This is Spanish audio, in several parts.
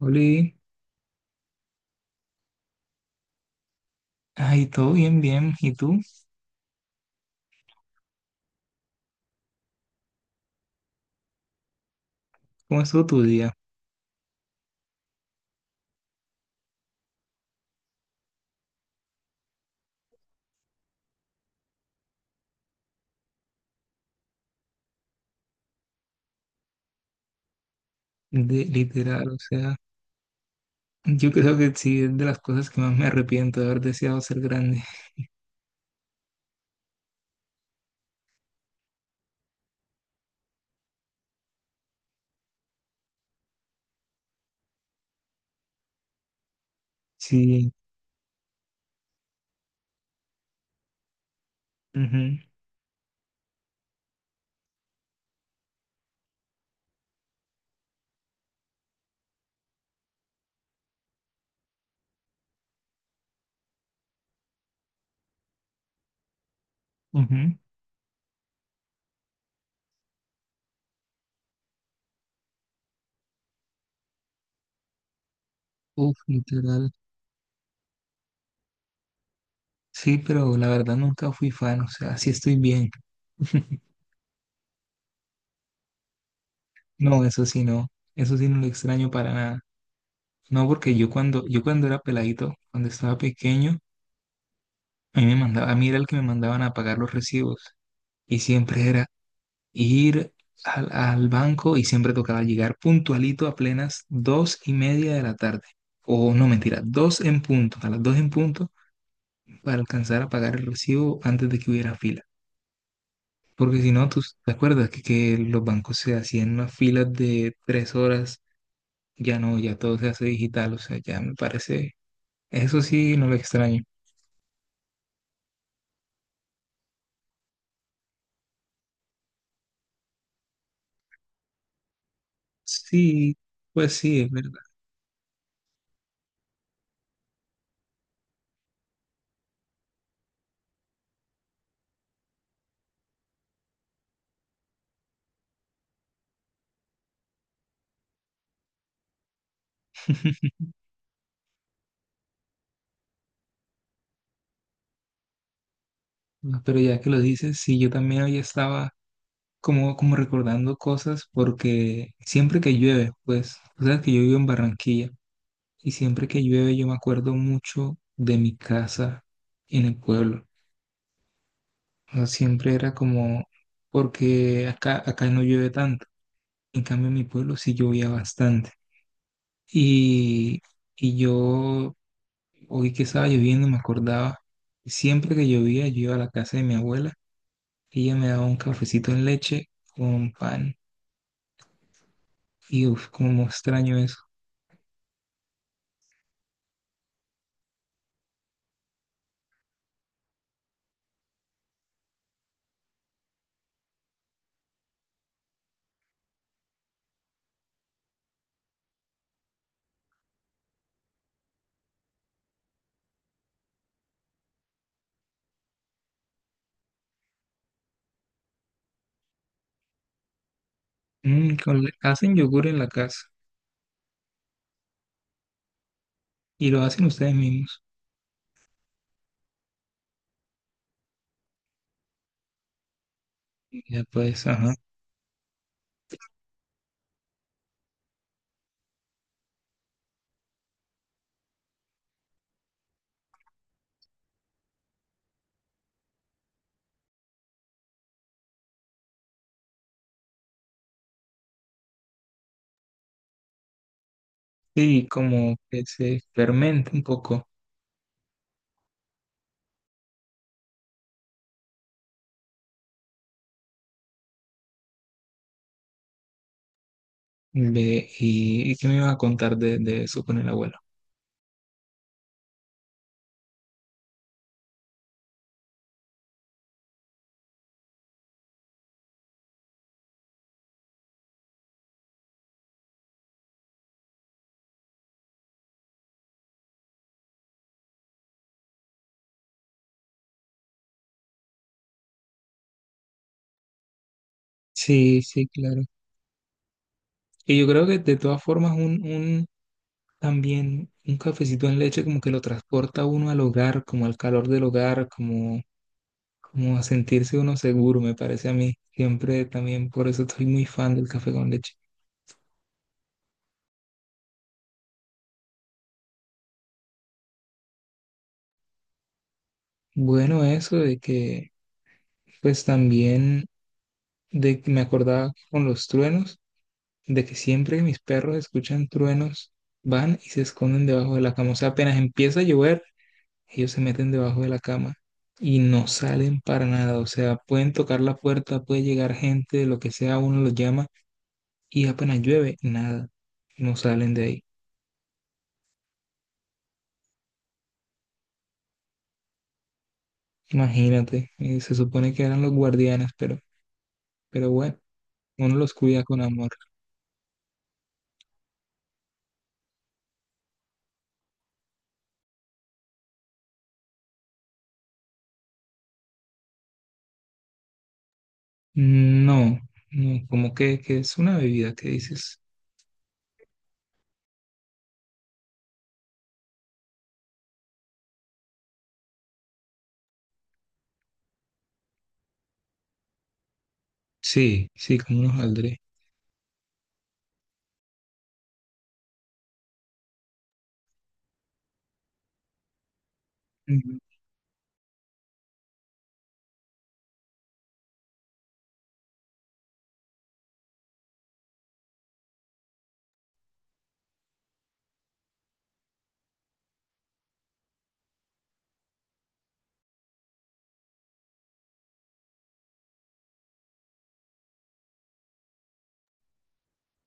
Oli, ay, todo bien, bien. ¿Y tú? ¿Cómo estuvo tu día? De, literal, o sea, yo creo que sí es de las cosas que más me arrepiento de haber deseado ser grande. Sí, mhm, mhm. Uf, literal. Sí, pero la verdad nunca fui fan, o sea, sí estoy bien. No, eso sí no, eso sí no lo extraño para nada. No, porque yo cuando era peladito, cuando estaba pequeño, a mí era el que me mandaban a pagar los recibos. Y siempre era, ir al banco y siempre tocaba llegar puntualito a plenas dos y media de la tarde. O no, mentira, dos en punto, a las dos en punto para alcanzar a pagar el recibo antes de que hubiera fila. Porque si no, tú te acuerdas que los bancos se hacían unas filas de tres horas. Ya no, ya todo se hace digital, o sea, ya me parece, eso sí, no lo extraño. Sí, pues sí, es verdad. Pero ya que lo dices, sí, yo también hoy estaba como, como recordando cosas porque siempre que llueve, pues, o sea, que yo vivo en Barranquilla y siempre que llueve yo me acuerdo mucho de mi casa en el pueblo. O sea, siempre era como, porque acá no llueve tanto, en cambio en mi pueblo sí llovía bastante. Y, y yo, hoy que estaba lloviendo, me acordaba, siempre que llovía yo iba a la casa de mi abuela, ella me daba un cafecito en leche con pan y uf, como extraño eso. Mm, hacen yogur en la casa y lo hacen ustedes mismos. Ya pues, ajá. Sí, como que se fermenta un poco. Ve, ¿y qué me ibas a contar de eso con el abuelo? Sí, sí, claro. Y yo creo que de todas formas un también un cafecito en leche como que lo transporta uno al hogar, como al calor del hogar, como, como a sentirse uno seguro, me parece a mí. Siempre también por eso estoy muy fan del café con leche. Bueno, eso de que pues también de que me acordaba con los truenos, de que siempre que mis perros escuchan truenos, van y se esconden debajo de la cama. O sea, apenas empieza a llover, ellos se meten debajo de la cama y no salen para nada. O sea, pueden tocar la puerta, puede llegar gente, lo que sea, uno los llama y apenas llueve, nada, no salen de ahí. Imagínate, se supone que eran los guardianes, pero bueno, uno los cuida con amor. No, no, como que es una bebida que dices. Sí, sí, como unos aldres. Ujú.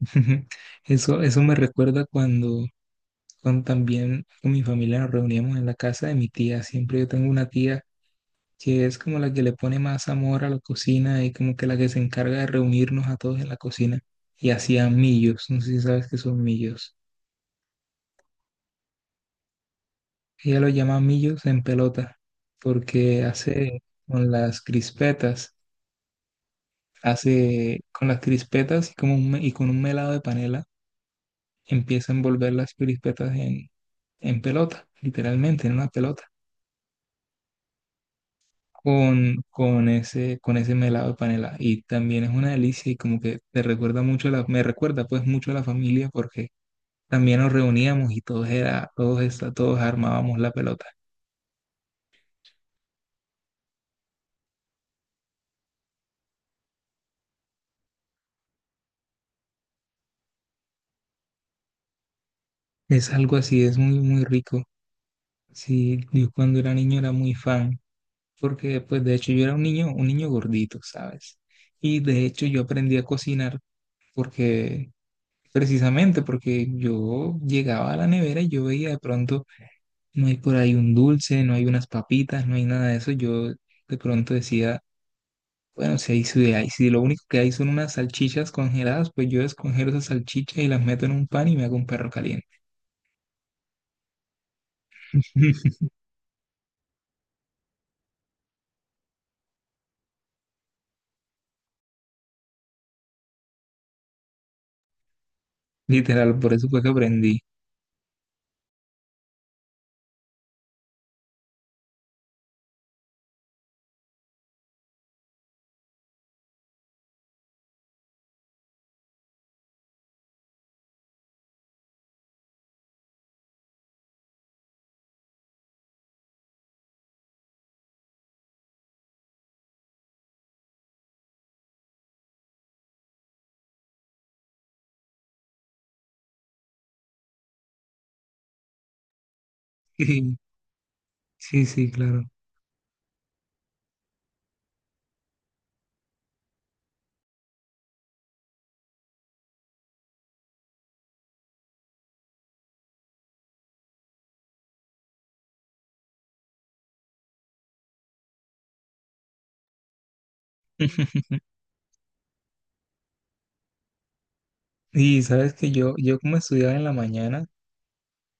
Eso me recuerda cuando, cuando también con mi familia nos reuníamos en la casa de mi tía. Siempre yo tengo una tía que es como la que le pone más amor a la cocina y como que la que se encarga de reunirnos a todos en la cocina. Y hacía millos, no sé si sabes qué son millos. Ella lo llama millos en pelota porque hace con las crispetas, hace con las crispetas y, y con un melado de panela empieza a envolver las crispetas en pelota, literalmente, en una pelota, con ese melado de panela. Y también es una delicia y como que te recuerda mucho a la, me recuerda pues mucho a la familia porque también nos reuníamos y todos era, todos armábamos la pelota. Es algo así, es muy, muy rico. Sí, yo cuando era niño era muy fan, porque pues de hecho yo era un niño gordito, ¿sabes? Y de hecho yo aprendí a cocinar porque precisamente porque yo llegaba a la nevera y yo veía de pronto, no hay por ahí un dulce, no hay unas papitas, no hay nada de eso. Yo de pronto decía, bueno, si lo único que hay son unas salchichas congeladas, pues yo descongelo esas salchichas y las meto en un pan y me hago un perro caliente. Literal, por eso fue que aprendí. Sí, sí, claro. Y sabes que yo como estudiaba en la mañana,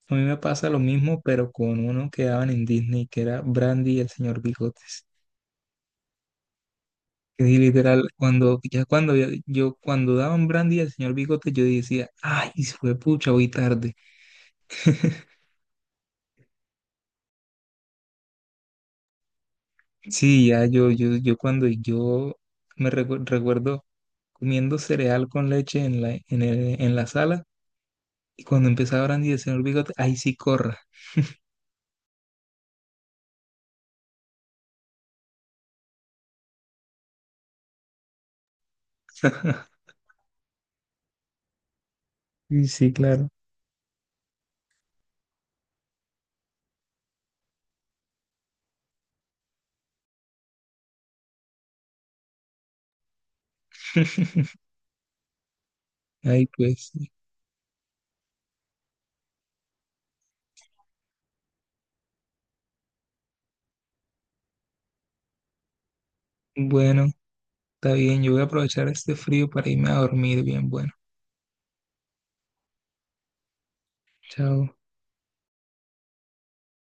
a mí me pasa lo mismo, pero con uno que daban en Disney, que era Brandy y el Señor Bigotes. Que sí, literal, cuando, yo, cuando daban Brandy al Señor Bigote, yo decía, ay, sí fue pucha, hoy tarde. Sí, ya yo cuando yo recuerdo comiendo cereal con leche en la, en la sala, y cuando empezaba Brandy del Señor Bigote, ay, sí, corra. Sí, sí, claro. Ay, pues, sí. Bueno, está bien, yo voy a aprovechar este frío para irme a dormir bien, bueno, chao.